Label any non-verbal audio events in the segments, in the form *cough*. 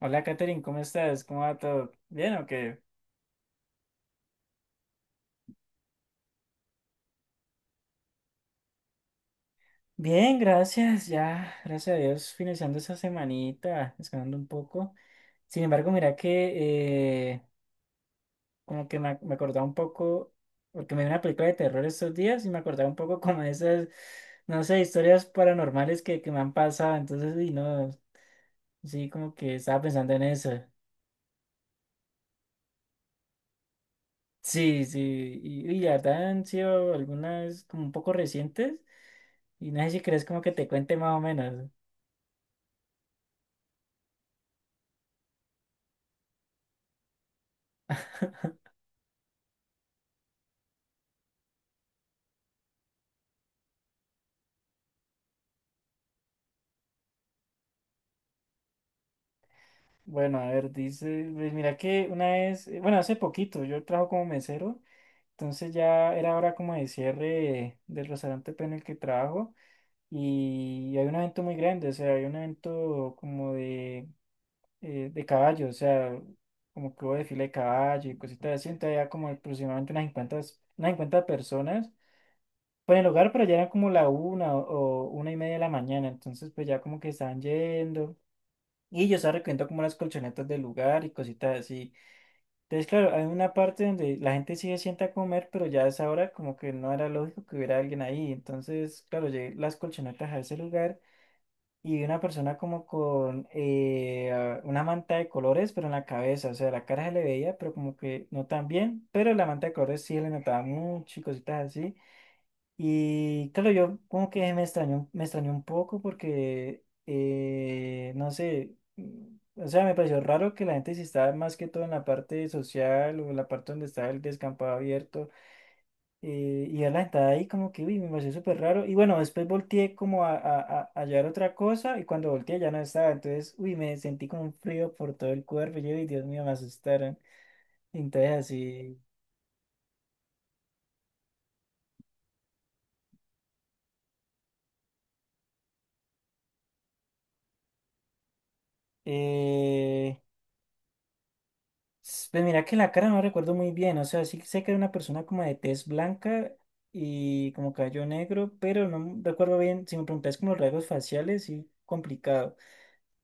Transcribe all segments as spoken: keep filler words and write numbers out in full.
Hola, Katherine, ¿cómo estás? ¿Cómo va todo? ¿Bien o qué? Bien, gracias. Ya, gracias a Dios, finalizando esa semanita, descansando un poco. Sin embargo, mira que eh, como que me, ac- me acordaba un poco, porque me vi una película de terror estos días y me acordaba un poco como de esas, no sé, historias paranormales que, que me han pasado. Entonces, y no, sí, como que estaba pensando en eso. Sí, sí, y, y la verdad han sido algunas como un poco recientes. Y no sé si crees como que te cuente más o menos. Bueno, a ver, dice, pues mira que una vez, eh, bueno, hace poquito yo trabajo como mesero, entonces ya era hora como de cierre del restaurante pues, en el que trabajo y hay un evento muy grande, o sea, hay un evento como de, eh, de caballo, o sea, como que hubo desfile de caballo y cositas así, entonces había como aproximadamente unas cincuenta unas cincuenta personas. Pues en el lugar, pero ya era como la una o, o, una y media de la mañana, entonces pues ya como que estaban yendo. Y yo estaba recogiendo como las colchonetas del lugar y cositas así. Entonces, claro, hay una parte donde la gente sí se sienta a comer, pero ya a esa hora como que no era lógico que hubiera alguien ahí. Entonces, claro, llegué las colchonetas a ese lugar y vi una persona como con eh, ah, una manta de colores, pero en la cabeza. O sea, la cara se le veía, pero como que no tan bien, pero la manta de colores sí le notaba mucho y cositas así. Y claro, yo como que me extrañó, me extrañó un poco porque, eh, no sé, mm, o sea, me pareció raro que la gente si estaba más que todo en la parte social o en la parte donde estaba el descampado abierto eh, y ya la gente ahí como que, uy, me pareció súper raro. Y bueno, después volteé como a, a, a, a hallar otra cosa y cuando volteé ya no estaba, entonces, uy, me sentí como un frío por todo el cuerpo, y yo, uy, Dios mío, me asustaron. Entonces así... eh, S- Pues mira que la cara no recuerdo muy bien, o sea, sí sé que era una persona como de tez blanca y como cabello negro, pero no recuerdo bien, si me preguntas como los rasgos faciales, sí, complicado.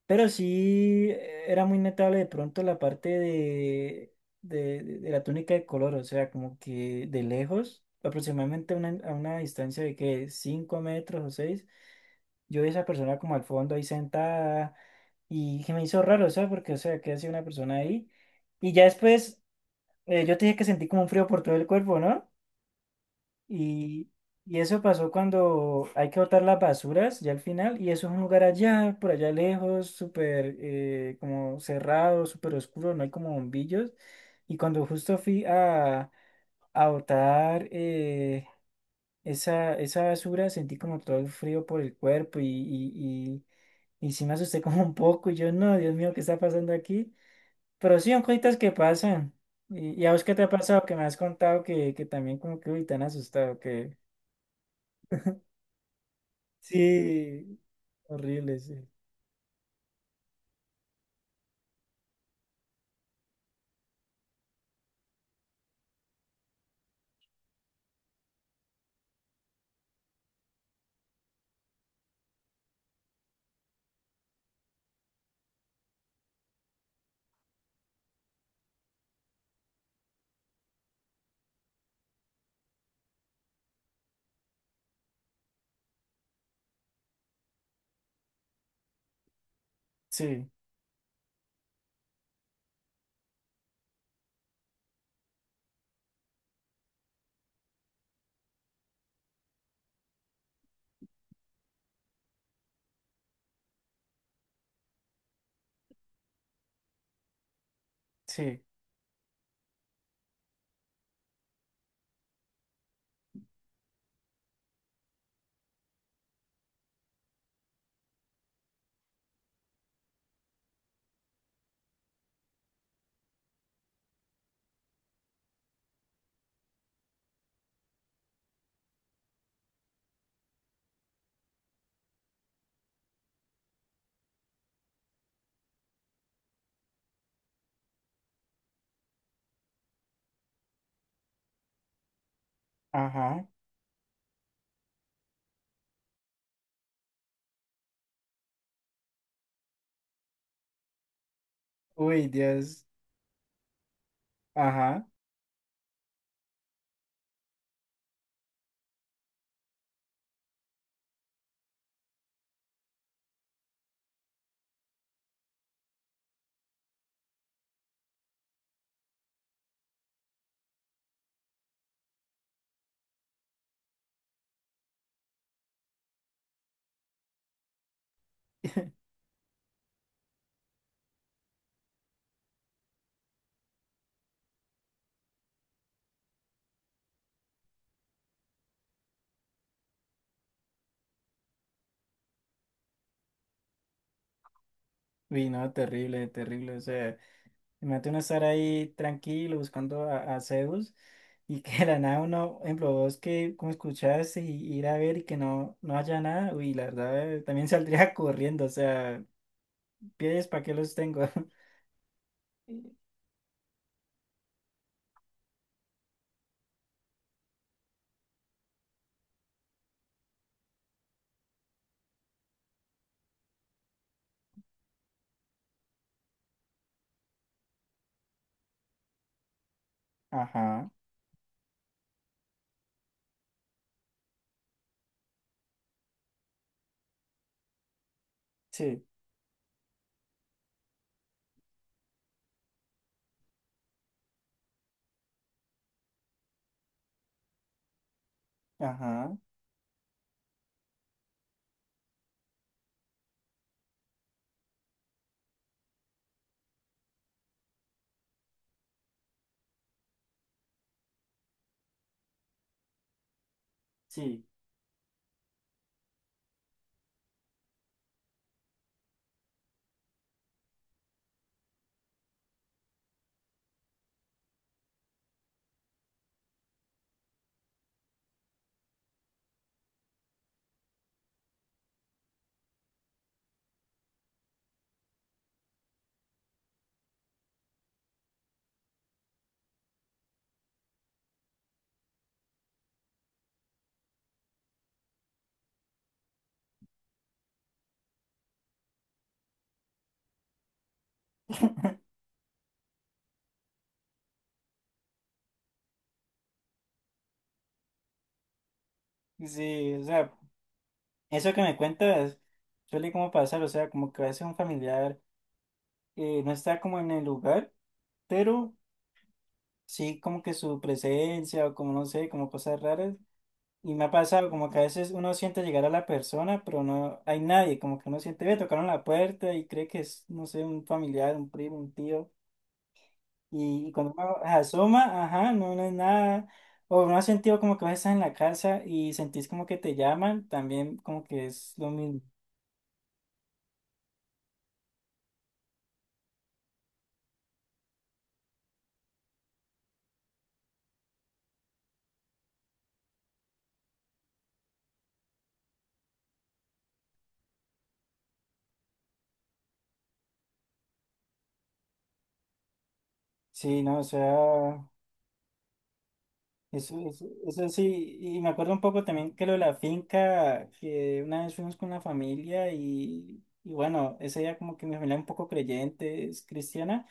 Pero sí, eh, era muy notable de pronto la parte de, de, de- de la túnica de color, o sea, como que de lejos, aproximadamente a una- a una distancia de que cinco metros o seis yo vi a esa persona como al fondo ahí sentada y que me hizo raro, o sea, porque, o sea, que hacía una persona ahí. Y ya después eh, yo te dije que sentí como un frío por todo el cuerpo, ¿no? Y, y eso pasó cuando hay que botar las basuras ya al final, y eso es un lugar allá, por allá lejos, súper eh, como cerrado, súper oscuro, no hay como bombillos. Y cuando justo fui a, a botar eh, esa, esa basura, sentí como todo el frío por el cuerpo y, y, y, y sí me asusté *laughs* como un poco, y yo, no, Dios mío, ¿qué está pasando aquí? Pero sí, son cositas que pasan. ¿Y, y a vos qué te ha pasado? Que me has contado que, que también como que uy, te han asustado, que... Sí, horrible, sí. Sí, sí. Ajá. Uy, Dios. Ajá. *laughs* Uy, no, terrible, terrible. O sea, imagínate uno estar ahí tranquilo buscando a, a Zeus y que de la nada uno, por ejemplo, vos que como escuchaste y ir a ver y que no, no haya nada, uy, la verdad, eh, también saldría *laughs* corriendo. O sea, pies, ¿para qué los tengo? *laughs* Ajá. Sí, ajá, sí, sí, o sea, eso que me cuentas suele como pasar, o sea, como que a veces un familiar eh, no está como en el lugar, pero sí como que su presencia o como no sé, como cosas raras, y me ha pasado como que a veces uno siente llegar a la persona, pero no hay nadie, como que uno siente, ve, tocaron la puerta y cree que es, no sé, un familiar, un primo, un tío. Y, y cuando uno asoma, ajá, no, no es nada. O no has sentido como que vas a estar en la casa y sentís como que te llaman, también como que es lo mismo. Sí, no, o sea, eso, eso, eso sí. Y me acuerdo un poco también que lo de la finca, que una vez fuimos con la familia y, y bueno, ese día como que mi familia es un poco creyente, es cristiana,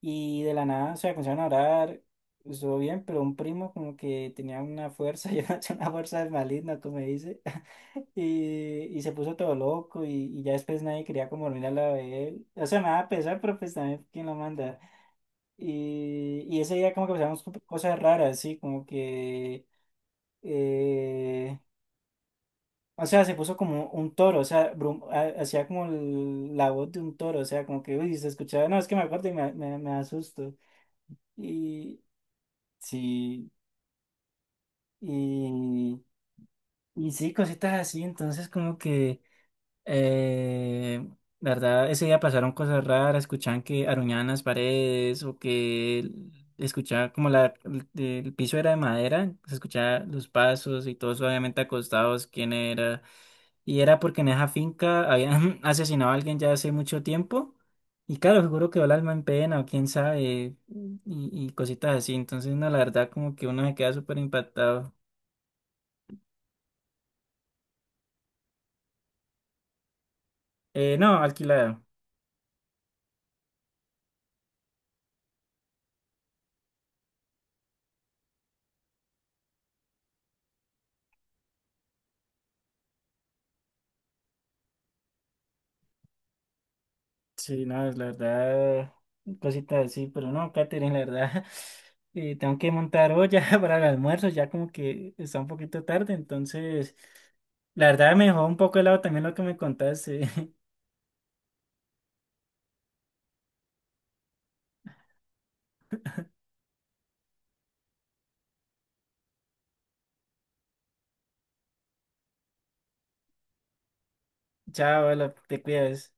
y de la nada, o sea, comenzaron a orar. Estuvo bien, pero un primo como que tenía una fuerza, *laughs* yo no tenía una fuerza maligna, como dice. Y, y se puso todo loco y, y ya después nadie quería como dormir a la de él. O sea, me daba pesar, pero pues también quién lo manda. Y, y ese día como que pasamos co- cosas raras, sí, como que... eh, o sea, se puso como un toro, o sea, brum- ha- hacía como el- la voz de un toro, o sea, como que, uy, se escuchaba, no, es que me acuerdo y me, me, me asusto. Y sí, y, y sí, cositas así, entonces como que... Eh, la verdad, ese día pasaron cosas raras, escuchaban que aruñaban las paredes o que escuchaba como la, el, el piso era de madera, se escuchaba los pasos y todos obviamente acostados, quién era. Y era porque en esa finca habían *laughs* asesinado a alguien ya hace mucho tiempo. Y claro, seguro quedó el alma en pena o quién sabe, y, y cositas así. Entonces, no, la verdad, como que uno se queda súper impactado. Eh, no, alquilado. Sí, no, la verdad, cositas así, pero no, Katherine, la verdad, *laughs* eh, tengo que montar olla *laughs* para el almuerzo, ya como que está un poquito tarde, entonces, la verdad me dejó un poco helado también lo que me contaste. *laughs* Chao, hola, te cuidas.